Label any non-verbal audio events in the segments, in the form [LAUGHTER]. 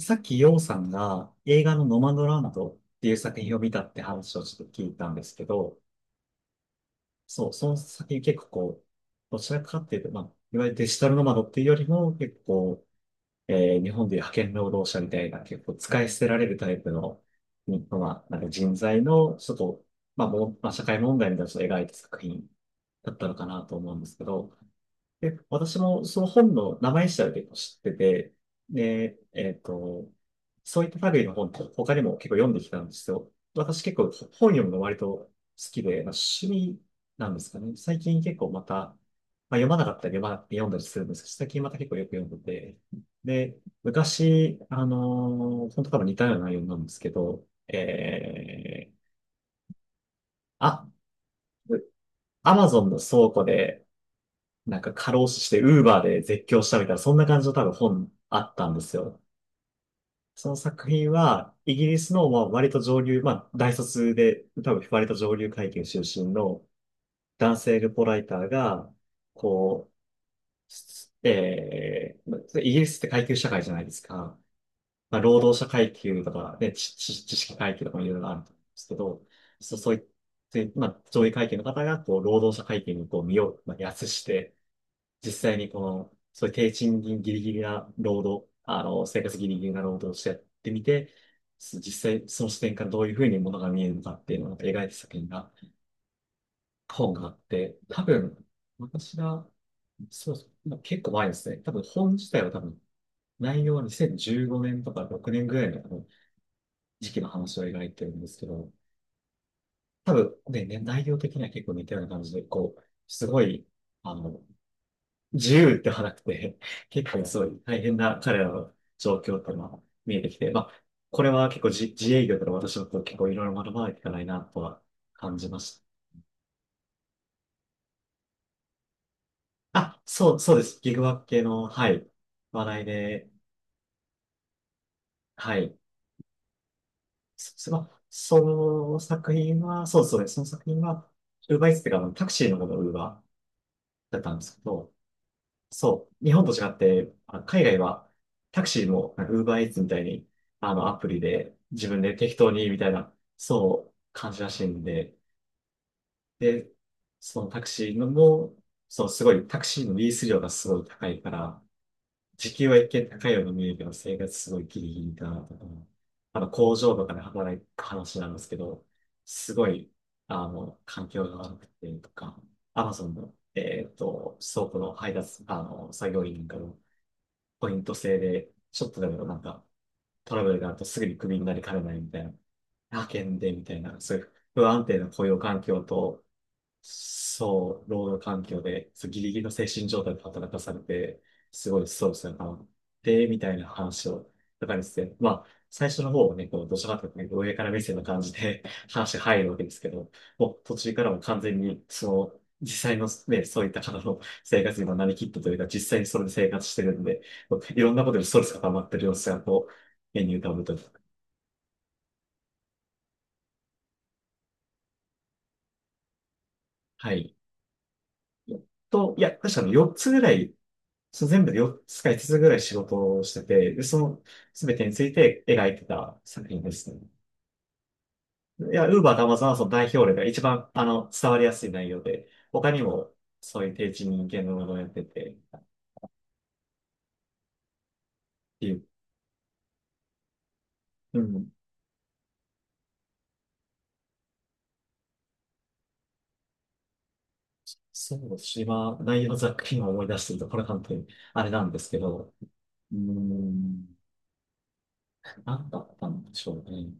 さっきヨウさんが映画のノマドランドっていう作品を見たって話をちょっと聞いたんですけど、そう、その作品結構こう、どちらかっていうと、まあ、いわゆるデジタルノマドっていうよりも結構、日本でいう派遣労働者みたいな結構使い捨てられるタイプの、日本なんか人材の、ちょっと、まあ、もう、まあ、社会問題みたいなのを描いた作品だったのかなと思うんですけど、で、私もその本の名前自体は結構知ってて、で、そういった類の本って他にも結構読んできたんですよ。私結構本読むの割と好きで、まあ、趣味なんですかね。最近結構また、まあ、読まなかったり読まな読んだりするんですけど、最近また結構よく読んでて、で、昔、本当多分似たような内容なんですけど、あ、アマゾンの倉庫で、なんか過労死してウーバーで絶叫したみたいな、そんな感じの多分本あったんですよ。その作品は、イギリスのまあ割と上流、まあ大卒で、多分割と上流階級出身の男性ルポライターが、こう、まあイギリスって階級社会じゃないですか。まあ、労働者階級とか、ね、知識階級とかもいろいろあると思うんですけど、そう、そういって、まあ、上位階級の方が、こう、労働者階級にこう身を、まあ、安して、実際にこの、そういう低賃金ギリギリな労働、あの、生活ギリギリな労働をしてやってみて、実際その視点からどういうふうにものが見えるのかっていうのをなんか描いた作品が、本があって、多分、私が、そうそう、まあ結構前ですね。多分本自体は多分、内容は2015年とか6年ぐらいの多分時期の話を描いてるんですけど、多分ね、内容的には結構似たような感じで、こう、すごい、あの、自由ってはなくて、結構すごい大変な彼らの状況っていうのは見えてきて、まあ、これは結構自営業から私のこと結構いろいろ学ばないといけないなとは感じました。あ、そう、そうです。ギグワーク系の、はい、話題で、はい。まあその作品は、そうそうです。その作品は、ウーバーイーツっていうか、あのタクシーのことウーバーだったんですけど、そう、日本と違って、海外はタクシーもなんか Uber Eats みたいに、あの、アプリで自分で適当にみたいな、そう、感じらしいんで、で、そのタクシーのも、そう、すごい、タクシーのリース料がすごい高いから、時給は一見高いように見えるけど、生活すごいギリギリだなとか、あの、工場とかで働く話なんですけど、すごい、あの、環境が悪くてとか、Amazon の、倉庫の配達、あの、作業員なんかの、ポイント制で、ちょっとでもなんか、トラブルがあるとすぐにクビになりかねないみたいな、派遣でみたいな、そういう不安定な雇用環境と、そう、労働環境で、そうギリギリの精神状態で働かされて、すごいストレスが溜まって、みたいな話を、とかですね。まあ、最初の方はね、こう、どちらかというとね、上から目線の感じで [LAUGHS] 話が入るわけですけど、もう途中からも完全に、その、実際のね、そういった方の生活にもなりきったというか、実際にそれで生活してるんで、こういろんなことでストレスが溜まってる様子が、こう、目に浮かぶと。はい。と、いや、確かに4つぐらいそう、全部で4つか5つぐらい仕事をしてて、で、その全てについて描いてた作品ですね。いや、ウーバーとアマゾンはその代表例が一番、あの、伝わりやすい内容で、他にもそういう低知人間のものをやってて、っていう、うん、そうですし、今、内容ざっくり今思い出してると、これ本当にあれなんですけど、うーん、なんだったんでしょうね。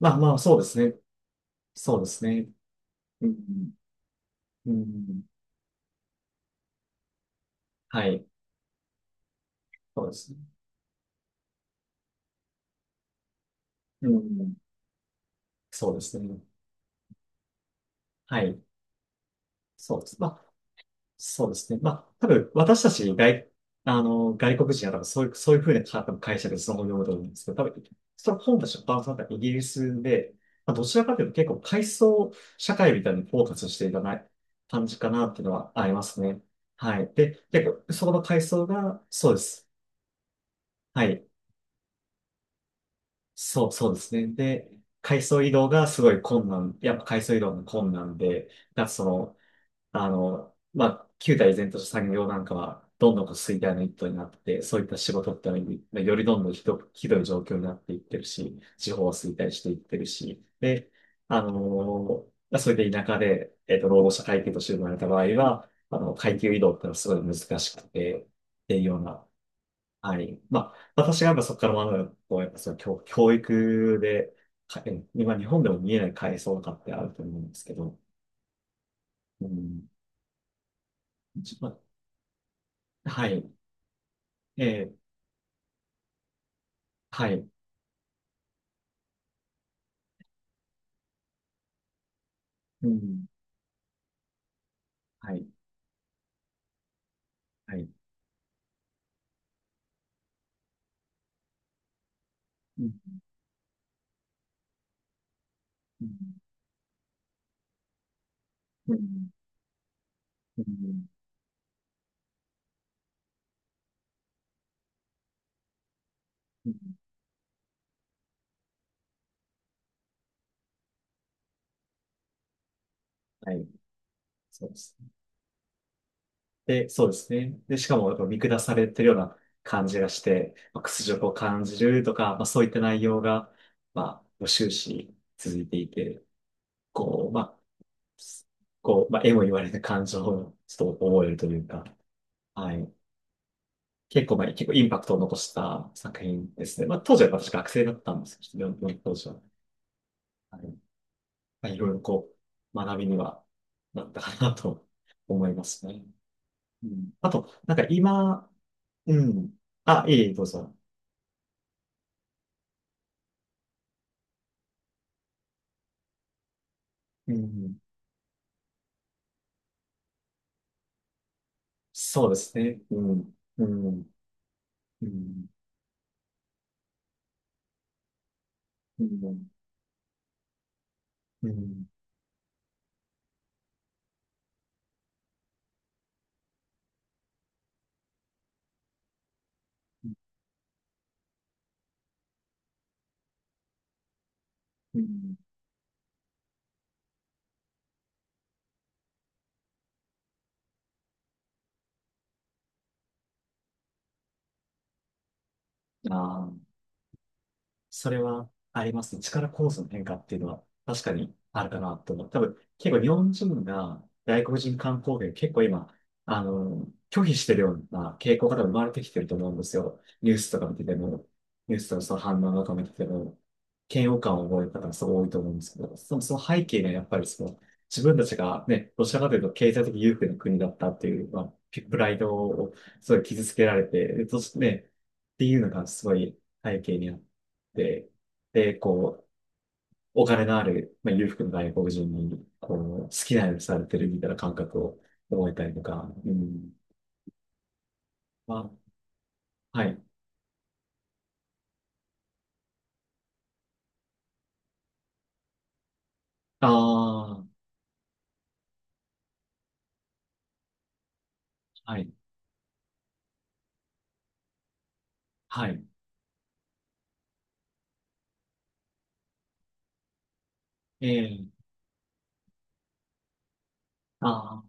まあまあ、そうですね。そうですね。うん、うん、はい、そうですね。うん、そうですね。はい。そうです。まあ、そうですね。まあ、多分、私たち外、あの、外国人は多分そういう、そういうふうな多分解釈でそのようだと思うんですけど、多分、その本たちのバランスだったイギリスで、まあ、どちらかというと結構階層社会みたいにフォーカスしていかない感じかなっていうのはありますね。はい。で、結構、そこの階層が、そうです。はい。そう、そうですね。で、階層移動がすごい困難、やっぱ階層移動の困難で、だからその、あの、まあ、旧態依然とした産業なんかは、どんどんこう衰退の一途になって、そういった仕事ってのはよりどんどんひどく、ひどい状況になっていってるし、地方は衰退していってるし、で、あのーそれで田舎で、労働者階級として生まれた場合は、あの、階級移動ってのはすごい難しくて、っていうような、はい。まあ、私がやっぱそこから学ぶのはこう、やっぱその教育で、かえ今日本でも見えない階層とかってあると思うんですけど、うん。まあはい。ええ、はい。うん。はい。はい。うん。うん。うん。うん。うんはい。そうです。で、そうですね。で、しかも、やっぱ見下されてるような感じがして、まあ、屈辱を感じるとか、まあ、そういった内容が、まあ、終始続いていて、こう、まあ、こう、まあ、絵も言われた感情をちょっと覚えるというか、はい。結構、まあ、結構インパクトを残した作品ですね。まあ、当時は私学生だったんですけど、読んだ当時は。はい。まあ、いろいろこう、学びにはなったかなと思いますね。うん、あと、なんか今、うん。あ、いえいえ、どうぞ。うん。そうですね。うん。うん。うん。うん。うん。うん。ああ。それはありますね。力構造の変化っていうのは確かにあるかなと思う。多分、結構日本人が外国人観光客結構今、あの、拒否してるような傾向が多分生まれてきてると思うんですよ。ニュースとか見てても、ニュースとかその反応とか見てても、嫌悪感を覚える方がすごい多いと思うんですけど、その、その背景にはやっぱりその、自分たちがね、どちらかというと経済的優勢の国だったっていう、まあ、プライドをすごい傷つけられて、でそしてね、っていうのがすごい背景にあってで、で、こう、お金のある、まあ、裕福な外国人に、こう、好きなようにされてるみたいな感覚を覚えたりとか、うん。まあ、はい。ああ、はい。はい。ええああー。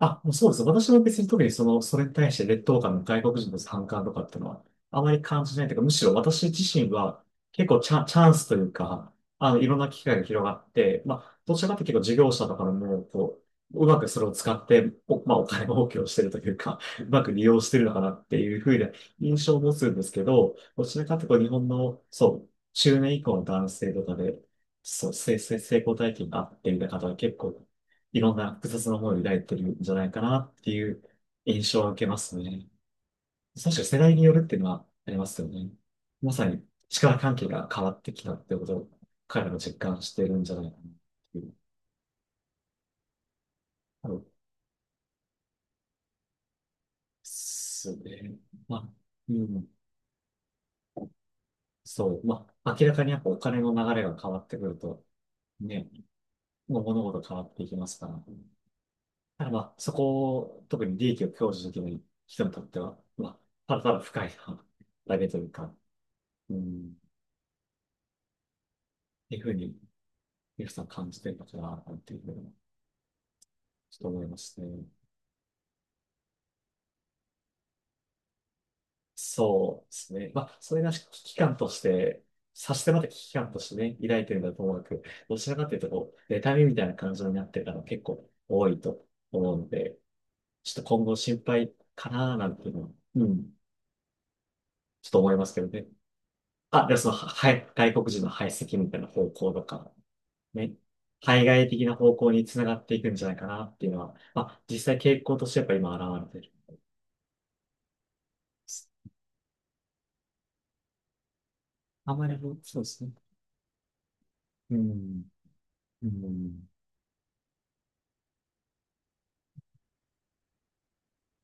あ、もうそうです。私も別に特にその、それに対して劣等感の外国人の反感とかっていうのは、あまり感じないというか、むしろ私自身は結構チャンスというか、あの、いろんな機会が広がって、まあ、どちらかというと結構事業者とかでも、こう、うまくそれを使って、お、まあ、お金儲けをしてるというか、うまく利用してるのかなっていうふうな印象を持つんですけど、どちらかというと日本の、そう、中年以降の男性とかで、そう、成功体験があってみたいな方が結構いろんな複雑な思いを抱いてるんじゃないかなっていう印象を受けますね。確かに世代によるっていうのはありますよね。まさに力関係が変わってきたってことを彼らも実感してるんじゃないかなっていう。そうですね。まあ、うん、そう。まあ、明らかにやっぱお金の流れが変わってくると、ね、もう物事変わっていきますから。ただまあ、そこを、特に利益を享受できない人にとっては、まあ、ただただ不快なだけというか、うんいうふうに、皆さん感じてるのかな、なんていうふうに、ちょっと思いますね。そうですね。まあ、それが危機感として、差し迫った危機感としてね、抱いてるのはともなく、どちらかというと、こう、妬みみたいな感情になってる方が結構多いと思うので、ちょっと今後心配かな、なんていうのは、うん、ちょっと思いますけどね。あ、で、その、は、はい外国人の排斥みたいな方向とか、ね、対外的な方向につながっていくんじゃないかなっていうのは、まあ、実際傾向としてやっぱ今現れてる。あまりも、そうですね。うん、うん、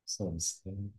そうですね。